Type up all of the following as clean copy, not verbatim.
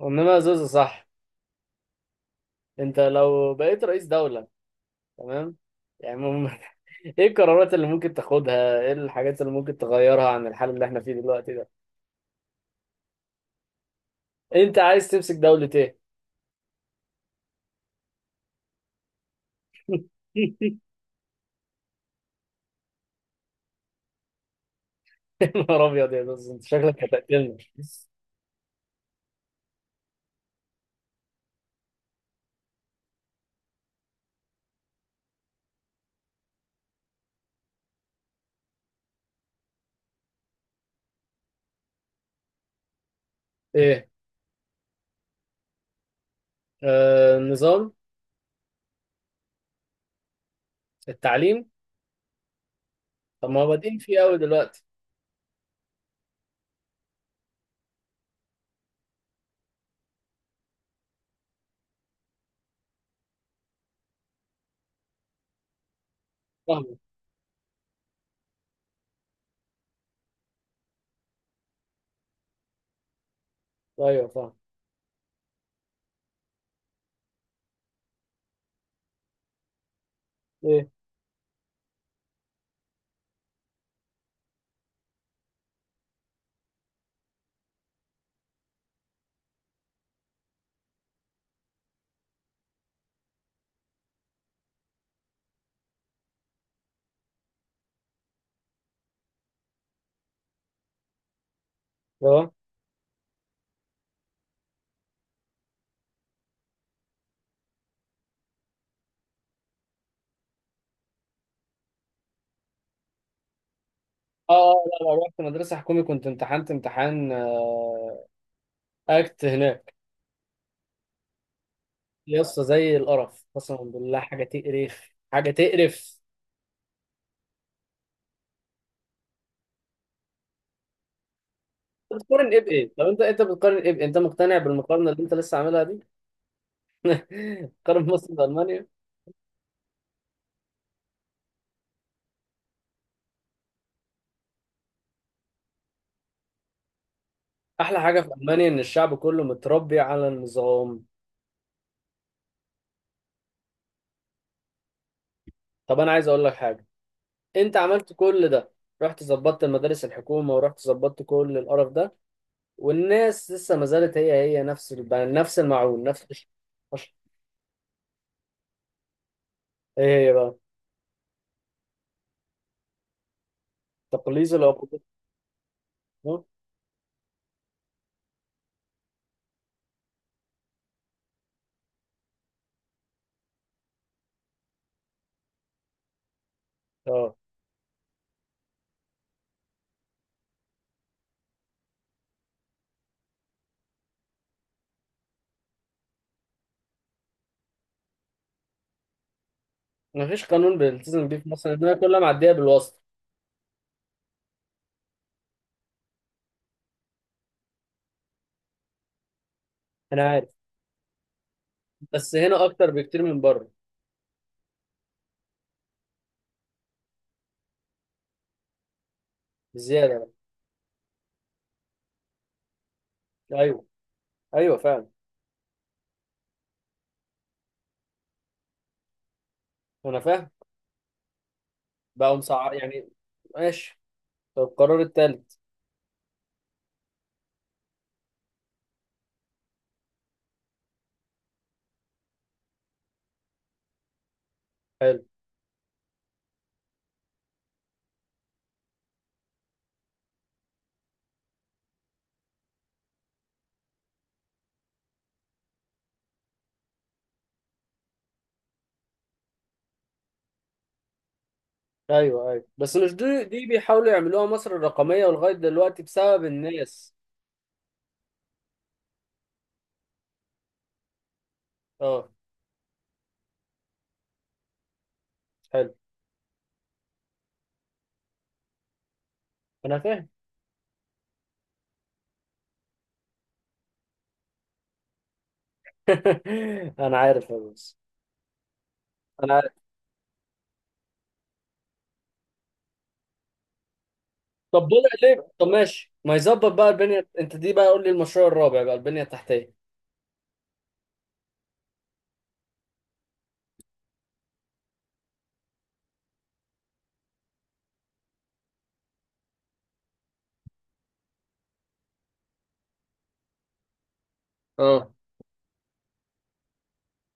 وانما زوزو، صح؟ انت لو بقيت رئيس دولة، تمام؟ يعني ايه القرارات اللي ممكن تاخدها؟ ايه الحاجات اللي ممكن تغيرها عن الحال اللي احنا فيه دلوقتي ده؟ انت عايز تمسك دولة ايه؟ يا نهار ابيض، يا زوزو، انت شكلك هتقتلنا. ايه؟ نظام. التعليم. طب ما هو بادئين فيه قوي دلوقتي. فاهم. ايوه، فاهم. ايه؟ اه. اه. لا، لا، رحت مدرسة حكومي، كنت امتحنت امتحان، اكت هناك. يا اسطى، زي القرف، قسما بالله، حاجه تقرف، حاجه تقرف. أنت بتقارن ايه بايه؟ طب انت بتقارن ايه بايه؟ انت مقتنع بالمقارنه اللي انت لسه عاملها دي؟ قارن مصر بالمانيا. احلى حاجه في المانيا ان الشعب كله متربي على النظام. طب انا عايز اقول لك حاجه. انت عملت كل ده، رحت ظبطت المدارس الحكومه، ورحت ظبطت كل القرف ده، والناس لسه ما زالت هي هي، نفس نفس المعون. ايه هي بقى؟ تقليص العقوبات. اه. مفيش قانون بيلتزم بيه في مصر، الدنيا كلها معديه بالواسطه. انا عارف. بس هنا اكتر بكتير من بره. بزياده. بقى. ايوه. ايوه، فعلا. انا فاهم. بقوا مسعر يعني. ماشي. طب القرار التالت؟ حلو. ايوه، ايوه، بس مش دي بيحاولوا يعملوها مصر الرقميه، ولغايه دلوقتي بسبب الناس. اه. حلو. انا فاهم. انا عارف يا باشا. انا عارف. طب بدأ ليه؟ طب ماشي، ما يظبط بقى البنيه انت دي بقى، قول لي المشروع الرابع بقى، البنيه التحتيه. اه.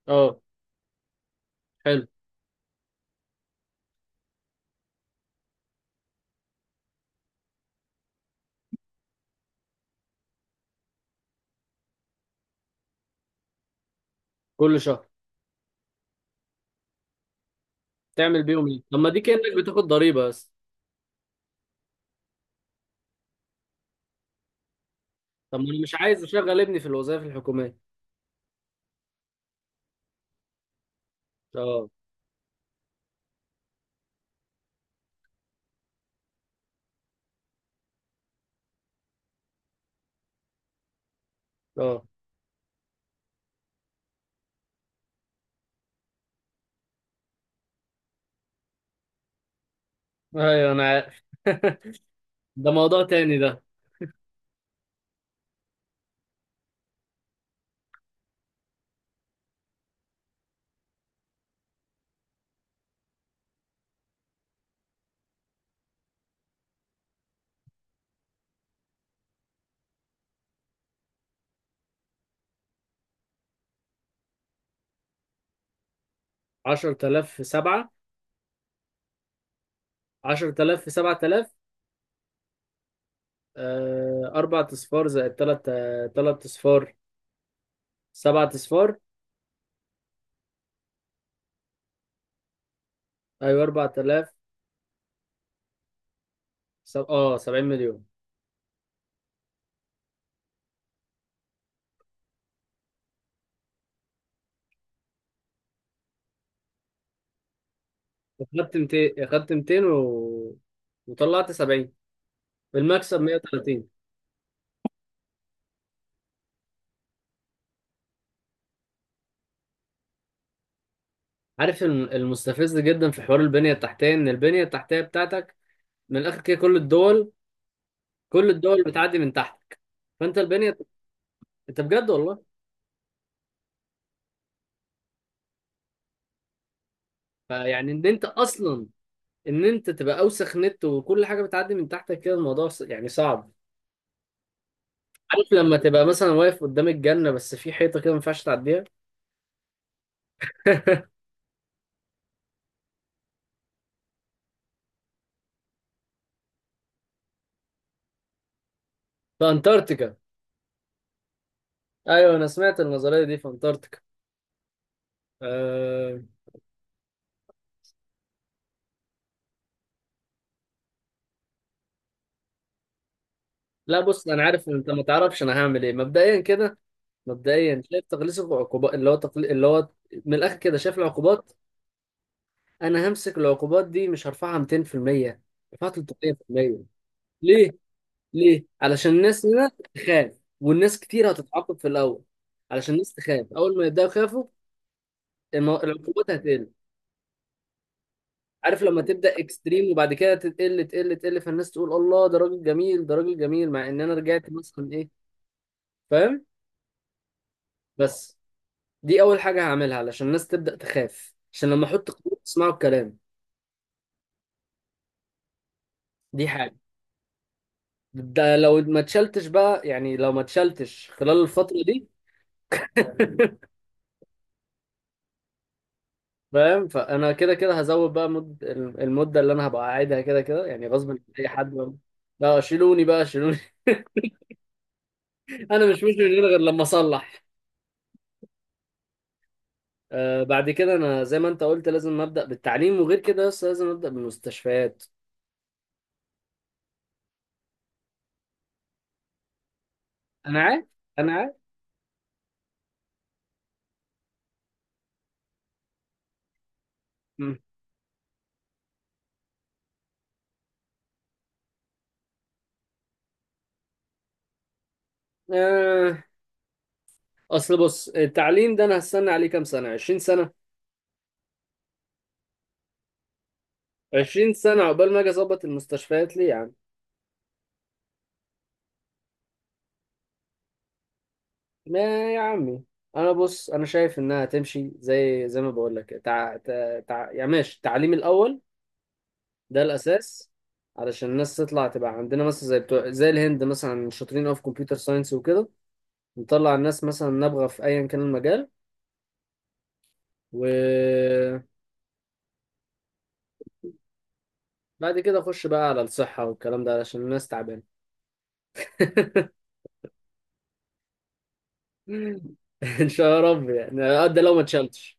اه. حلو. كل شهر. تعمل بيهم ايه؟ طب ما دي كأنك بتاخد ضريبة بس. طب ما انا مش عايز اشغل ابني في الوظائف الحكومية. اه. اه. ايوه، انا عارف. ده موضوع تاني ده. 10,000 في 7. 10,000 في 7,000؟ أربع أصفار زائد تلات، تلات أصفار. سبعة أصفار. أيوة، 4,000. سب... اه 70 مليون. أخدت 200 و... وطلعت 70، بالمكسب 130. عارف المستفز جدا في حوار البنية التحتية إن البنية التحتية بتاعتك من الآخر كده، كل الدول، كل الدول بتعدي من تحتك. فانت البنيه. انت بجد والله. فيعني ان انت اصلا، ان انت تبقى اوسخ نت، وكل حاجه بتعدي من تحتك كده، الموضوع يعني صعب. عارف، لما تبقى مثلا واقف قدام الجنه، بس في حيطه كده ما ينفعش تعديها. في انتاركتيكا. ايوه، انا سمعت النظريه دي في انتاركتيكا. أه... لا، بص، انا عارف إن انت ما تعرفش انا هعمل ايه مبدئيا كده. مبدئيا شايف تقليص العقوبات، اللي هو اللي هو، من الاخر كده، شايف العقوبات. انا همسك العقوبات دي، مش هرفعها 200%، رفعها 300%. ليه؟ ليه؟ علشان الناس هنا تخاف، والناس كتير هتتعاقب في الأول. علشان الناس تخاف، أول ما يبدأوا يخافوا العقوبات هتقل. عارف، لما تبدأ اكستريم وبعد كده تقل، تقل، تقل، فالناس تقول الله، ده راجل جميل، ده راجل جميل، مع إن أنا رجعت مثلا إيه. فاهم؟ بس دي أول حاجة هعملها علشان الناس تبدأ تخاف، عشان لما أحط قيود تسمعوا الكلام. دي حاجة. ده لو ما اتشلتش بقى، يعني لو ما اتشلتش خلال الفترة دي. فاهم، فانا كده كده هزود بقى المده اللي انا هبقى قاعدها كده كده، يعني غصب عن اي حد. لا، شيلوني بقى، شيلوني. انا مش من هنا غير لما اصلح. آه، بعد كده انا زي ما انت قلت لازم ابدا بالتعليم، وغير كده بس لازم ابدا بالمستشفيات. انا عارف. انا عارف. مم. آه. اصل، بص، التعليم ده انا هستنى عليه كام سنه؟ 20 سنه. 20 سنه عقبال ما اجي اظبط المستشفيات، ليه يا عم؟ ما يا عمي، انا، بص، انا شايف انها تمشي زي ما بقول لك يعني ماشي، التعليم الاول، ده الاساس. علشان الناس تطلع تبقى عندنا مثلا زي بتوع، زي الهند مثلا شاطرين قوي في كمبيوتر ساينس وكده. نطلع الناس مثلا نابغه في ايا كان المجال. وبعد كده اخش بقى على الصحه والكلام ده علشان الناس تعبانه. ان شاء رب يعني. ده لو ما اتشالتش.